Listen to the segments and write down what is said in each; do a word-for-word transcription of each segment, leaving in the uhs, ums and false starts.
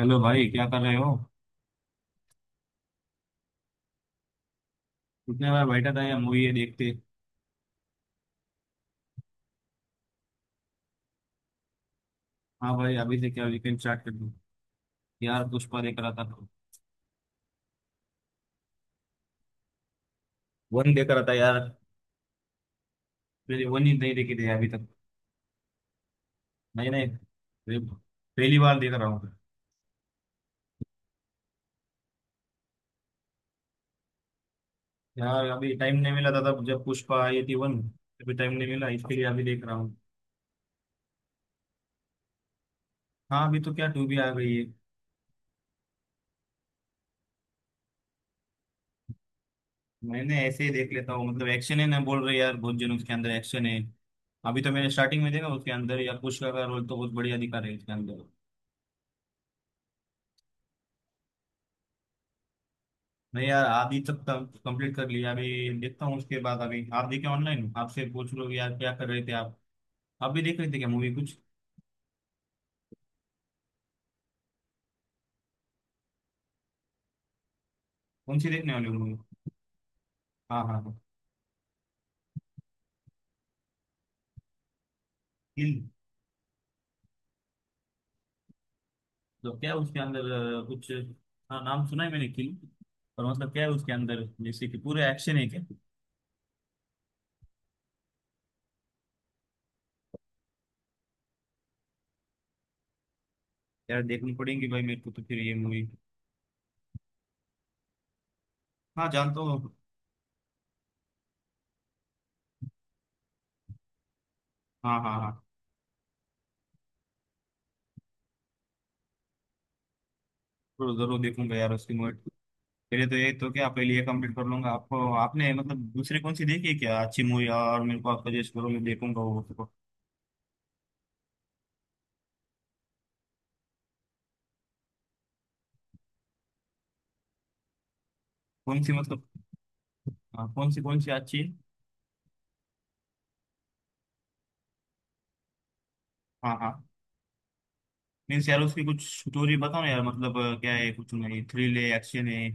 Hello भाई, क्या कर रहे हो? कितने बार बैठा था यार मूवी ये देखते। हाँ भाई, अभी से क्या वीकेंड स्टार्ट कर दूँ। यार पुष्पा देख रहा था। वन देख रहा था यार। मैंने वन ही नहीं देखी थी अभी तक। नहीं नहीं, ये पहली बार देख रहा हूँ। यार अभी टाइम नहीं मिला था तब जब पुष्पा आई थी वन। अभी टाइम नहीं मिला इसके लिए, अभी देख रहा हूँ। हाँ, अभी तो क्या टू भी आ गई है। मैंने ऐसे ही देख लेता हूँ, मतलब एक्शन है ना, बोल रहे यार बहुत जन उसके अंदर एक्शन है। अभी तो मैंने स्टार्टिंग में देखा उसके अंदर, यार पुष्पा का रोल तो बहुत बढ़िया दिखा रहे हैं उसके अंदर। नहीं यार, आधी तक कंप्लीट कर लिया, अभी देखता हूँ उसके बाद। अभी आप देखे ऑनलाइन, आपसे पूछ लो यार क्या कर रहे थे आप? आप भी देख रहे थे क्या मूवी कुछ? कौन सी देखने वाले मूवी? हाँ हाँ हाँ। किल? तो क्या उसके अंदर? अ, कुछ। हाँ नाम सुना है मैंने किल। पर मतलब क्या है उसके अंदर, जैसे कि पूरे एक्शन है क्या? यार देखनी पड़ेगी भाई मेरे को तो फिर ये मूवी। हाँ जानता हूँ। हाँ हाँ हाँ। जरूर जरूर देखूंगा यार उसकी मूवी। पहले तो ये तो क्या, पहले ये कंप्लीट कर लूंगा। आपको, आपने मतलब दूसरी कौन सी देखी है क्या अच्छी मूवी, और मेरे को आप सजेस्ट करो, मैं देखूंगा वो। कौन सी मतलब। हाँ, कौन सी कौन सी अच्छी है? हाँ हाँ। मीन्स यार उसकी कुछ स्टोरी बताओ ना यार, मतलब अ, क्या है कुछ नहीं, थ्रिल है, एक्शन है?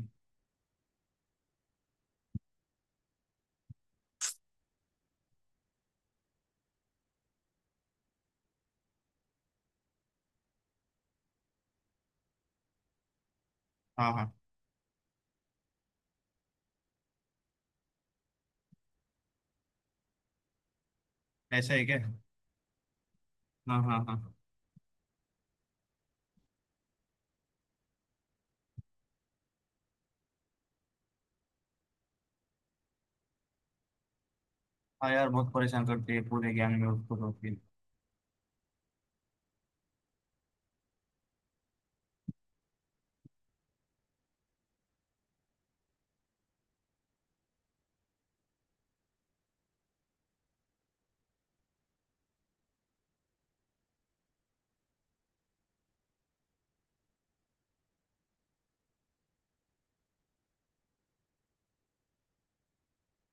हाँ हाँ। ऐसा है क्या? हाँ हाँ हाँ। हाँ यार बहुत परेशान करते हैं पूरे ज्ञान में उसको, तो फिर?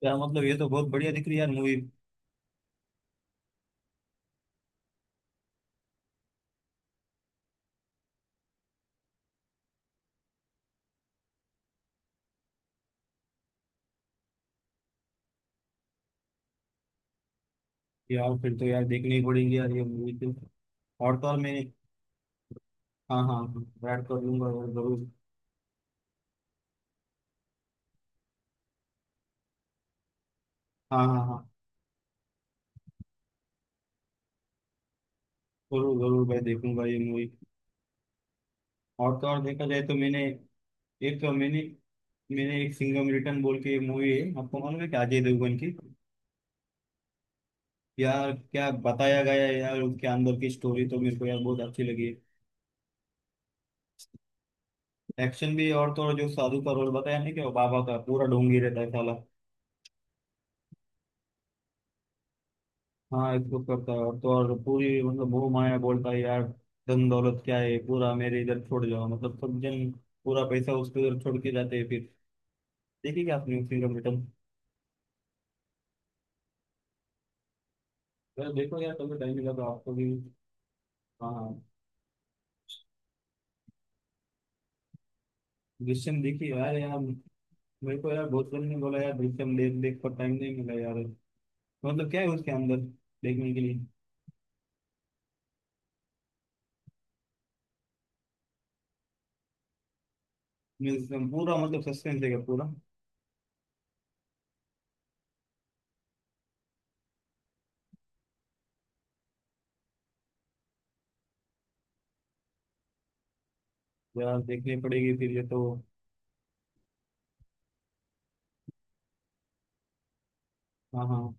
यार मतलब ये तो बहुत बढ़िया दिख रही है यार मूवी। यार फिर तो यार देखनी ही पड़ेगी यार ये मूवी तो। और तो और मैंने। हाँ हाँ, ऐड कर लूंगा यार जरूर। हाँ हाँ हाँ। जरूर जरूर भाई देखूंगा ये मूवी। और तो और देखा जाए तो मैंने। एक तो मैंने, मैंने एक सिंघम रिटर्न बोल के मूवी है, आपको मालूम है क्या, अजय देवगन की? यार क्या बताया गया है यार उनके अंदर की स्टोरी, तो मेरे को यार बहुत अच्छी लगी। एक्शन भी, और तो और जो साधु का रोल बताया नहीं, कि वो बाबा का पूरा ढोंगी रहता है साला। हाँ इसको करता है, और तो और पूरी मतलब मोह माया बोलता है यार, धन दौलत क्या है, पूरा मेरे इधर छोड़ जाओ, मतलब सब जन पूरा पैसा उसके उधर छोड़ के जाते हैं फिर। देखिए क्या आपने सिंगम रिटर्न। यार देखो यार कभी टाइम मिला तो आपको भी। हाँ। दृश्यम देखिए यार यार। मेरे को यार बहुत जन ने बोला यार दृश्यम देख देख, पर टाइम नहीं मिला यार। मतलब क्या है उसके अंदर देखने के लिए? मीन्स पूरा मतलब सस्पेंस है क्या पूरा? यार देखनी पड़ेगी फिर ये तो। हाँ हाँ।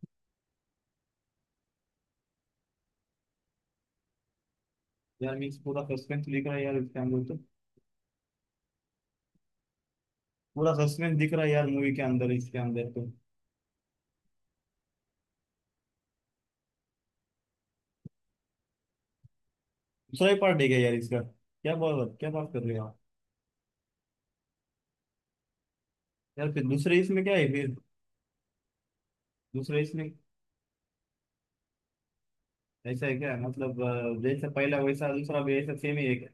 यार मीन्स पूरा सस्पेंस दिख रहा है यार इसके अंदर तो। पूरा सस्पेंस दिख रहा है यार मूवी के अंदर, इसके अंदर तो। दूसरा ही पार्ट है क्या यार इसका? क्या बात क्या बात कर रहे हो आप। यार फिर दूसरे इसमें क्या है फिर? दूसरे इसमें ऐसा है क्या, मतलब अ, जैसा पहला वैसा दूसरा भी ऐसा सेम ही है क्या?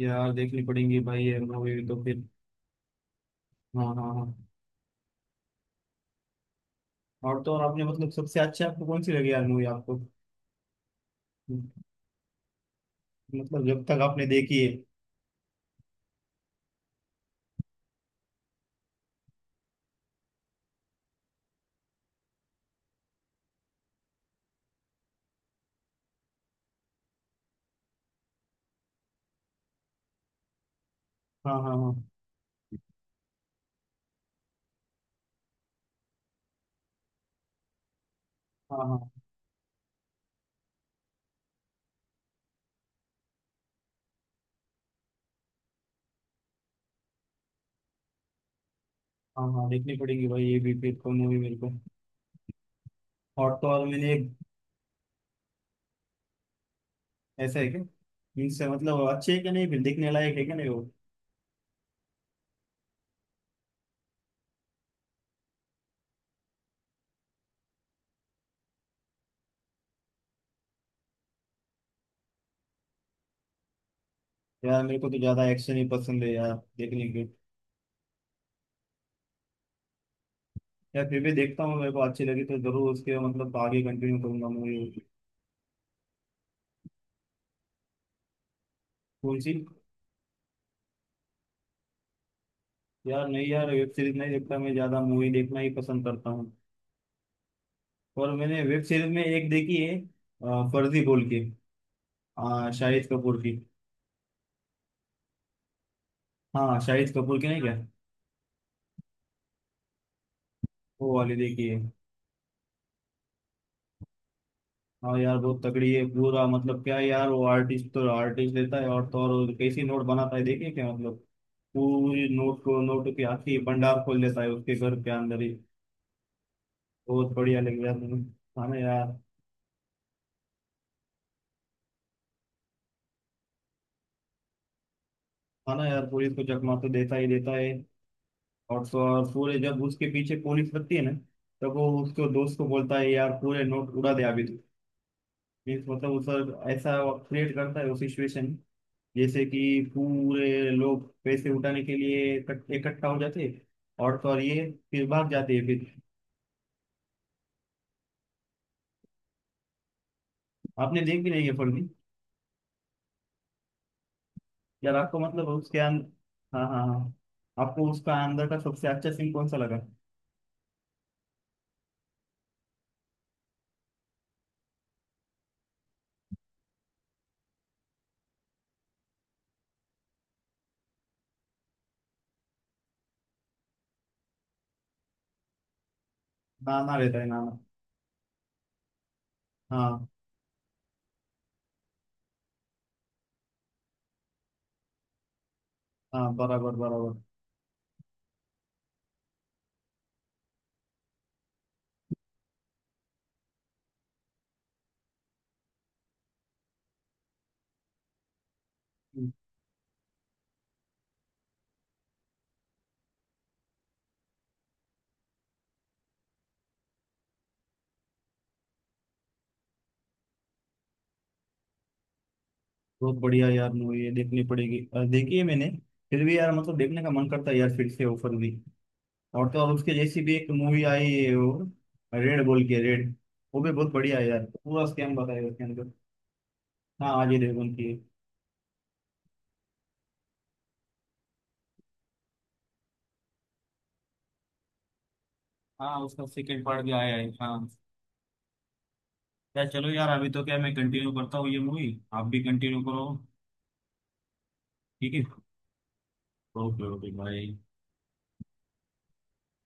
यार देखनी पड़ेगी भाई ये मूवी तो फिर। हाँ हाँ हाँ। और तो और आपने मतलब सबसे अच्छी आपको कौन सी लगी यार मूवी आपको, मतलब जब तक आपने देखी है? हाँ हाँ हाँ हाँ हाँ हाँ हाँ। देखनी पड़ेगी भाई ये भी फिर को मूवी मेरे को। और तो और मैंने एक। ऐसा है क्या? मीन्स मतलब अच्छे है कि नहीं, फिर देखने लायक है कि नहीं वो? यार मेरे को तो ज्यादा एक्शन ही पसंद है यार देखने के। यार फिर भी देखता हूँ, मेरे को अच्छी लगी तो जरूर उसके मतलब आगे कंटिन्यू करूंगा मूवी। कौन सी? यार नहीं यार, वेब सीरीज नहीं देखता मैं, ज्यादा मूवी देखना ही पसंद करता हूँ। और मैंने वेब सीरीज में एक देखी है, अ, फर्जी बोल के। अ, शाहिद कपूर की। हाँ शाहिद कपूर की नहीं क्या, वो वाली देखी है। हाँ यार बहुत तगड़ी है, पूरा मतलब क्या यार, वो आर्टिस्ट तो आर्टिस्ट देता है, और तो और कैसी नोट बनाता है, देखिए क्या मतलब, पूरी नोट को नोट की आखिरी भंडार खोल देता है उसके घर के अंदर ही। बहुत बढ़िया लगे यार मुझे। खाना यार। खाना यार, पुलिस को चकमा तो देता ही देता है। और तो और पूरे जब उसके पीछे पुलिस लगती है ना, तब वो उसको दोस्त को बोलता है यार पूरे नोट उड़ा दे अभी तो। मीन्स मतलब उस, ऐसा क्रिएट करता है वो सिचुएशन, जैसे कि पूरे लोग पैसे उठाने के लिए इकट- इकट्ठा हो जाते हैं, और तो और ये फिर भाग जाते हैं फिर। आपने देख भी नहीं है फिल्म? यार आपको मतलब उसके अंदर। हाँ हाँ हाँ। आपको उसका अंदर का सबसे अच्छा सीन कौन सा लगा? नाना रहता है, नाना। हाँ हाँ, बराबर बराबर। हम्म। बहुत बढ़िया यार मूवी ये, देखनी पड़ेगी। अ, देखी है मैंने, फिर भी यार मतलब देखने का मन करता है यार फिर से ऑफर भी। और तो और उसके जैसी भी एक मूवी आई है वो, रेड बोल के, रेड। वो भी बहुत बढ़िया है यार, पूरा स्कैम बताया है उसके अंदर। हाँ अजय देवगन की है। हाँ उसका सेकंड पार्ट भी आया है, हाँ। यार चलो यार, अभी तो क्या मैं कंटिन्यू करता हूँ ये मूवी। आप भी कंटिन्यू करो। ठीक है। ओके ओके भाई।